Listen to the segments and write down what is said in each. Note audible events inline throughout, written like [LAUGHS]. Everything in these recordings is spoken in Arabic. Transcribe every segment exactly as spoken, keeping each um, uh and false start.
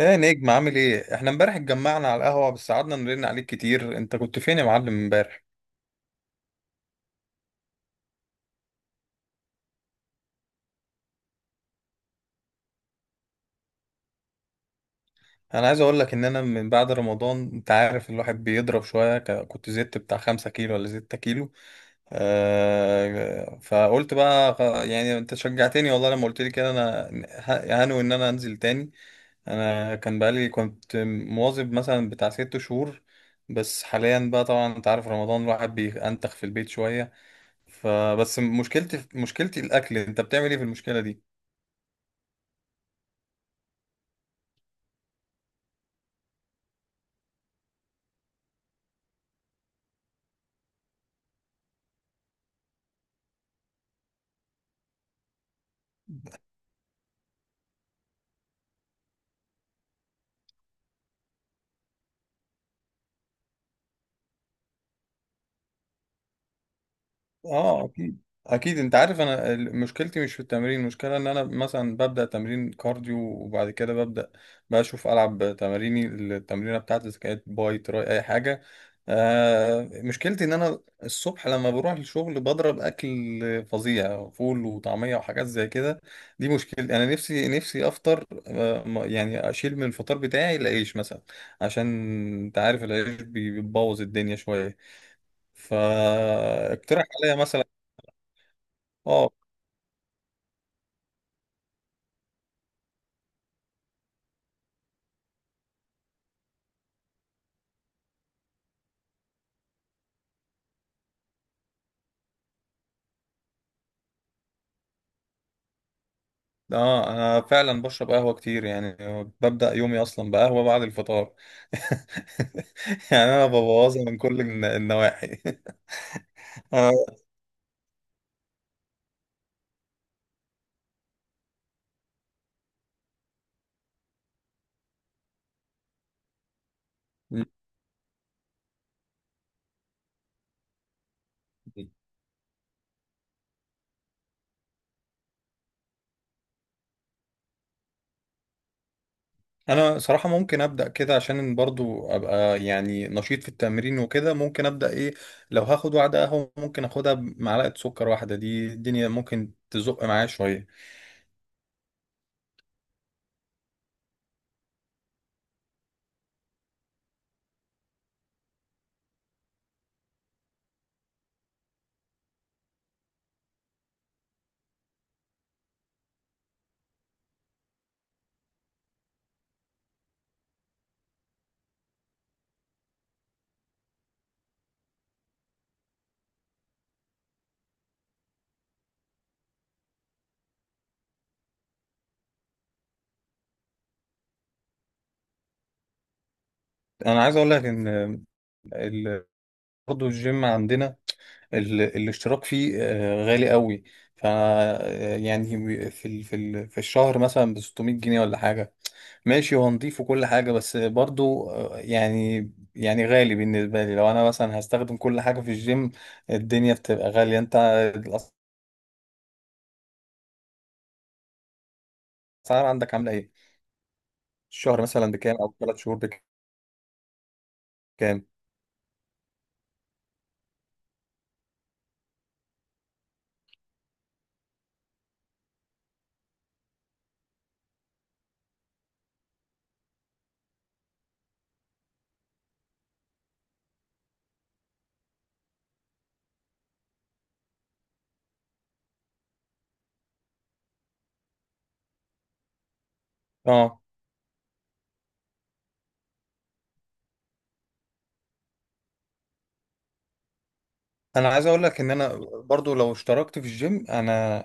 ايه نجم؟ عامل ايه؟ احنا امبارح اتجمعنا على القهوة، بس قعدنا نرن عليك كتير. انت كنت فين يا معلم امبارح؟ انا عايز اقول لك ان انا من بعد رمضان، انت عارف الواحد بيضرب شوية، ك- كنت زدت بتاع خمسة كيلو ولا ستة كيلو. آه فقلت بقى خ- يعني انت شجعتني والله لما قلت لي كده. انا ه- هنوي ان انا انزل تاني. انا كان بقالي كنت مواظب مثلا بتاع ست شهور. بس حاليا بقى، طبعا انت عارف، رمضان الواحد بينتخ في البيت شوية. فبس مشكلتي مشكلتي الاكل. انت بتعمل ايه في المشكله دي؟ اه، اكيد. اكيد انت عارف انا ال- مشكلتي مش في التمرين. المشكله ان انا مثلا ببدا تمرين كارديو وبعد كده ببدا بقى اشوف العب تماريني. التمرينه بتاعتي اذا كانت باي تراي اي حاجه. آه مشكلتي ان انا الصبح لما بروح الشغل بضرب اكل فظيع، فول وطعميه وحاجات زي كده. دي مشكلتي. انا نفسي نفسي افطر، آه ما- يعني اشيل من الفطار بتاعي العيش مثلا، عشان انت عارف العيش بي- بيبوظ الدنيا شويه. فاقترح عليا مثلا. اه، اه، انا فعلا بشرب قهوه كتير يعني. ببدا يومي اصلا بقهوه بعد الفطار. [LAUGHS] يعني انا ببوظها من كل الن- النواحي. [LAUGHS] آه، انا صراحه ممكن ابدا كده عشان برضو ابقى يعني نشيط في التمرين وكده. ممكن ابدا ايه؟ لو هاخد واحده قهوه ممكن اخدها بمعلقه سكر واحده، دي الدنيا ممكن تزق معايا شويه. انا عايز اقول لك ان برضه الجيم عندنا، ال- الاشتراك فيه آه، غالي قوي. ف آه، يعني في ال- في ال- في الشهر مثلا ب ستمية جنيه ولا حاجه. ماشي هو نضيف وكل حاجه، بس برضه آه، يعني يعني غالي بالنسبه لي لو انا مثلا هستخدم كل حاجه في الجيم. الدنيا بتبقى غاليه. انت الاسعار عندك عامله ايه؟ الشهر مثلا بكام او ثلاث شهور؟ بكام؟ اه. انا عايز اقول لك ان انا برضو لو اشتركت في الجيم، انا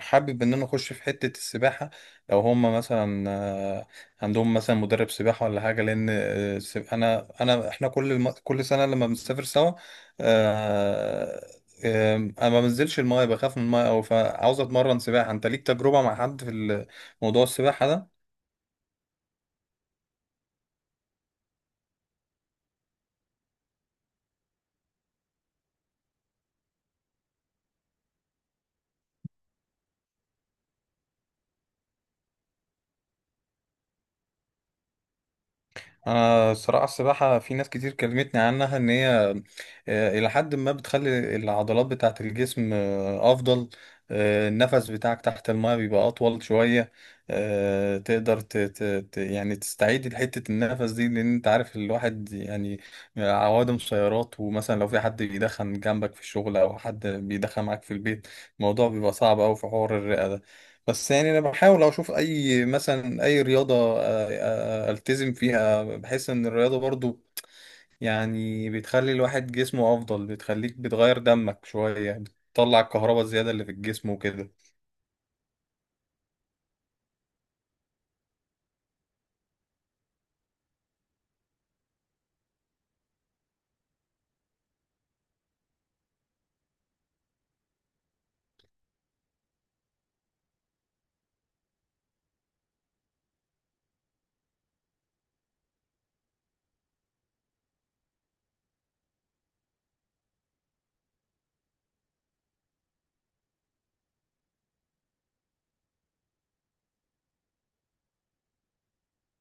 حابب ان انا اخش في حتة السباحة. لو هم مثلا آه، عندهم مثلا مدرب سباحة ولا حاجة. لان آه، السب- انا انا احنا كل الم... كل سنة لما بنسافر سوا، آه، آه، انا ما بنزلش المايه، بخاف من المايه، او فعاوز اتمرن سباحة. انت ليك تجربة مع حد في ال- موضوع السباحة ده؟ انا صراحة السباحة، في ناس كتير كلمتني عنها ان هي آه، الى حد ما بتخلي العضلات بتاعة الجسم آه، افضل. آه، النفس بتاعك تحت الماء بيبقى اطول شوية. آه، تقدر ت... ت... ت... يعني تستعيد حتة النفس دي، لان انت عارف الواحد يعني عوادم سيارات، ومثلا لو في حد بيدخن جنبك في الشغل او حد بيدخن معاك في البيت، الموضوع بيبقى صعب اوي في حوار الرئة ده. بس يعني انا بحاول اشوف اي، مثلا اي رياضه آه، آه، التزم فيها، بحس ان الرياضه برضو يعني بتخلي الواحد جسمه افضل، بتخليك بتغير دمك شويه، بتطلع الكهرباء الزياده اللي في الجسم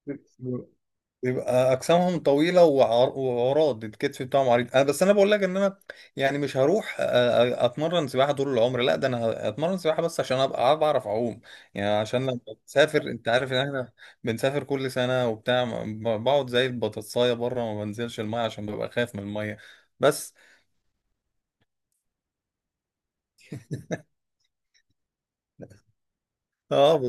وكده. بيبقى اجسامهم طويله وعر- وعراض، الكتف بتاعهم عريض. انا بس انا بقول لك ان انا يعني مش هروح أ- أ- اتمرن سباحه طول العمر، لا ده انا ه- اتمرن سباحه بس عشان ابقى بعرف اعوم. يعني عشان لما بسافر، انت عارف ان احنا بنسافر كل سنه وبتاع، ب- بقعد زي البطاطسايه بره، ما بنزلش الميه عشان ببقى خايف من الميه بس. اه،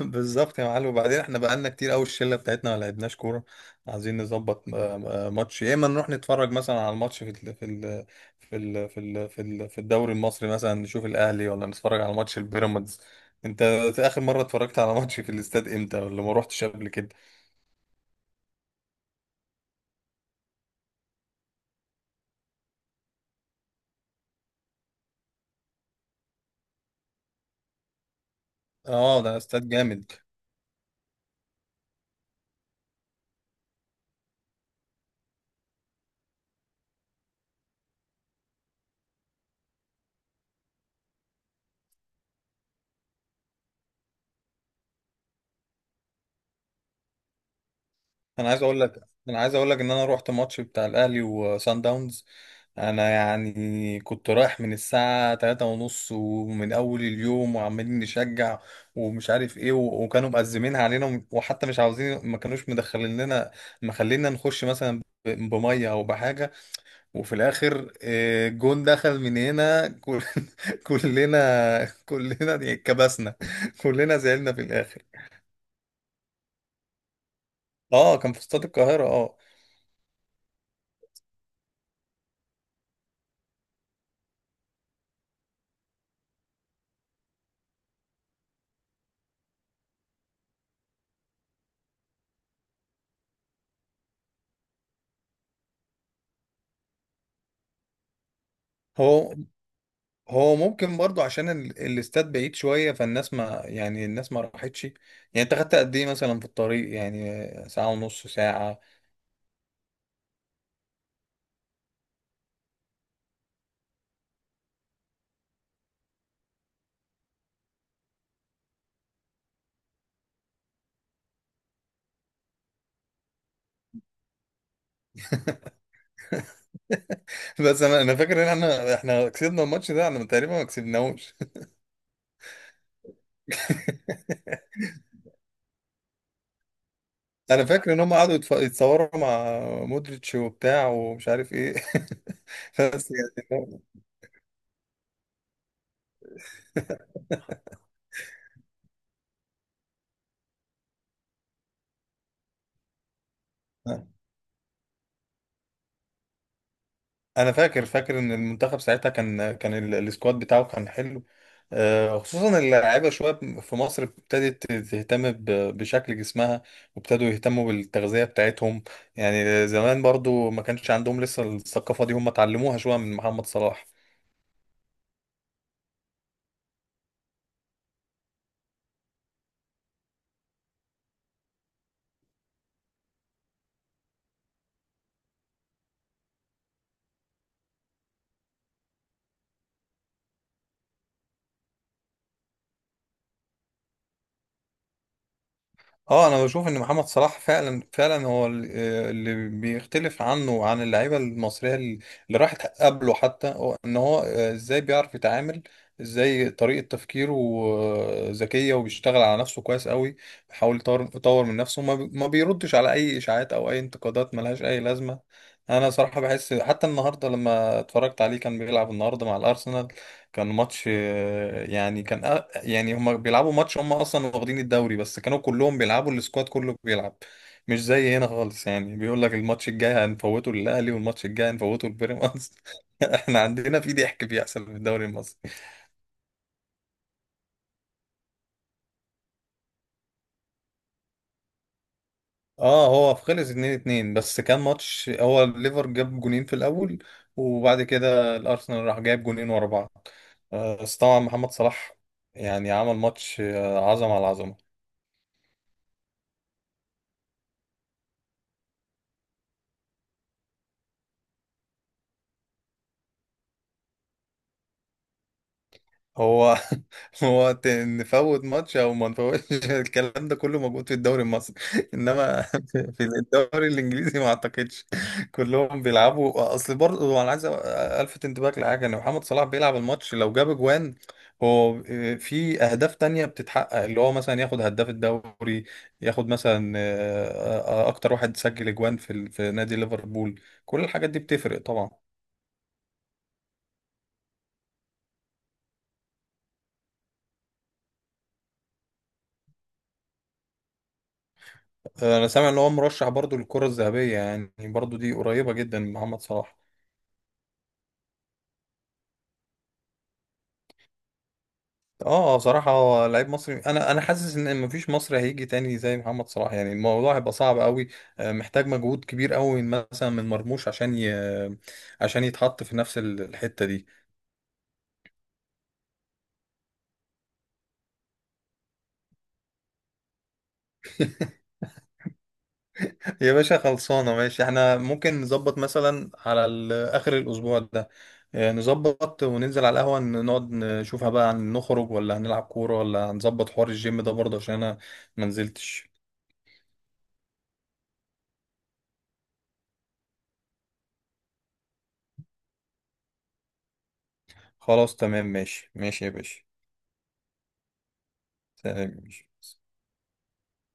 بالظبط يا معلم. وبعدين احنا بقالنا كتير قوي، الشله بتاعتنا ما لعبناش كوره. عايزين نظبط آه، آه، ماتش، يا اما نروح نتفرج مثلا على الماتش في ال في ال في ال في ال في, ال في الدوري المصري، مثلا نشوف الاهلي ولا نتفرج على ماتش البيراميدز. انت اخر مره اتفرجت على ماتش في الاستاد امتى؟ ولا ما روحتش قبل كده؟ اه، ده استاد جامد. انا عايز اقول لك انا عايز اقول لك ان انا رحت ماتش بتاع الاهلي وسان داونز. انا يعني كنت رايح من الساعه ثلاثة ونص، ومن اول اليوم وعمالين نشجع ومش عارف ايه. و- وكانوا مأزمين علينا، وحتى مش عاوزين، ما كانوش مدخلين لنا مخلينا نخش مثلا ب- بميه او بحاجه. وفي الاخر، آه، جون دخل من هنا. كل- [LAUGHS] كلنا كلنا اتكبسنا. كلنا زعلنا في الاخر. اه، كان في استاد القاهره، اه. هو هو ممكن برضو عشان ال- الاستاد بعيد شوية، فالناس ما يعني، الناس ما راحتش يعني. انت خدت قد ايه مثلا في الطريق؟ يعني ساعة، ونص ساعة؟ [LAUGHS] بس انا انا فاكر ان احنا احنا كسبنا الماتش ده، احنا تقريبا ما كسبناهوش. [LAUGHS] انا فاكر ان هم قعدوا يتف- يتصوروا مع مودريتش وبتاع ومش عارف ايه. [LAUGHS] بس يعني انا فاكر فاكر ان المنتخب ساعتها كان كان ال- السكواد بتاعه كان حلو. آه، خصوصا اللعيبه شويه في مصر ابتدت تهتم ب- بشكل جسمها، وابتدوا يهتموا بالتغذيه بتاعتهم. يعني زمان برضو ما كانش عندهم لسه الثقافه دي، هم اتعلموها شويه من محمد صلاح. اه، انا بشوف ان محمد صلاح فعلا فعلا هو ال- آه اللي بيختلف عنه وعن اللعيبه المصريه، اللي اللي راحت قبله حتى هو، ان هو آه ازاي بيعرف يتعامل، ازاي طريقه تفكيره آه، ذكيه وبيشتغل على نفسه كويس قوي. بيحاول يطور يطور من نفسه، ما بي- ما بيردش على اي اشاعات او اي انتقادات ملهاش اي لازمه. انا صراحه بحس حتى النهارده لما اتفرجت عليه كان بيلعب النهارده مع الارسنال. كان ماتش آه، يعني كان آه، يعني هما بيلعبوا ماتش، هما اصلا واخدين الدوري، بس كانوا كلهم بيلعبوا، السكواد كله بيلعب، مش زي هنا خالص. يعني بيقول لك الماتش الجاي هنفوته للاهلي، والماتش الجاي هنفوته لبيراميدز. [LAUGHS] احنا عندنا في ضحك بيحصل في الدوري المصري. اه، هو خلص اتنين اتنين. بس كان ماتش، هو الليفر جاب جونين في الاول وبعد كده الارسنال راح جايب جونين ورا بعض. آه، بس طبعا محمد صلاح يعني عمل ماتش آه، عظمه على عظمه. هو [LAUGHS] هو ت- نفوت ماتش او ما نفوتش. [LAUGHS] الكلام ده كله موجود في الدوري المصري. [LAUGHS] انما في في الدوري الانجليزي ما اعتقدش. [LAUGHS] كلهم بيلعبوا اصل برضه هو. انا عايز أ- الفت انتباهك لحاجه، ان محمد صلاح بيلعب الماتش لو جاب اجوان، هو آه، في اهداف تانية بتتحقق، اللي هو مثلا ياخد هداف الدوري، ياخد مثلا آه، آه، اكتر واحد سجل اجوان في ال- في نادي ليفربول. كل الحاجات دي بتفرق طبعا. آه، انا سامع ان هو مرشح برضو للكرة الذهبية، يعني برضو دي قريبة جدا من محمد صلاح. اه. آه، صراحة هو لعيب مصري، انا انا حاسس ان مفيش مصري هيجي تاني زي محمد صلاح، يعني الموضوع هيبقى صعب قوي. آه، محتاج مجهود كبير قوي مثلا من مرموش عشان ي... عشان يتحط في نفس ال- الحتة دي. [LAUGHS] يا باشا خلصانة. ماشي، احنا ممكن نظبط مثلا على ال- اخر الاسبوع ده. آه، نظبط وننزل على القهوة، ن- نقعد نشوفها بقى. نخرج ولا هنلعب كورة، ولا هنظبط حوار الجيم ده برضه، عشان انا ما نزلتش. خلاص تمام، ماشي ماشي يا باشا. تمام، ماشي.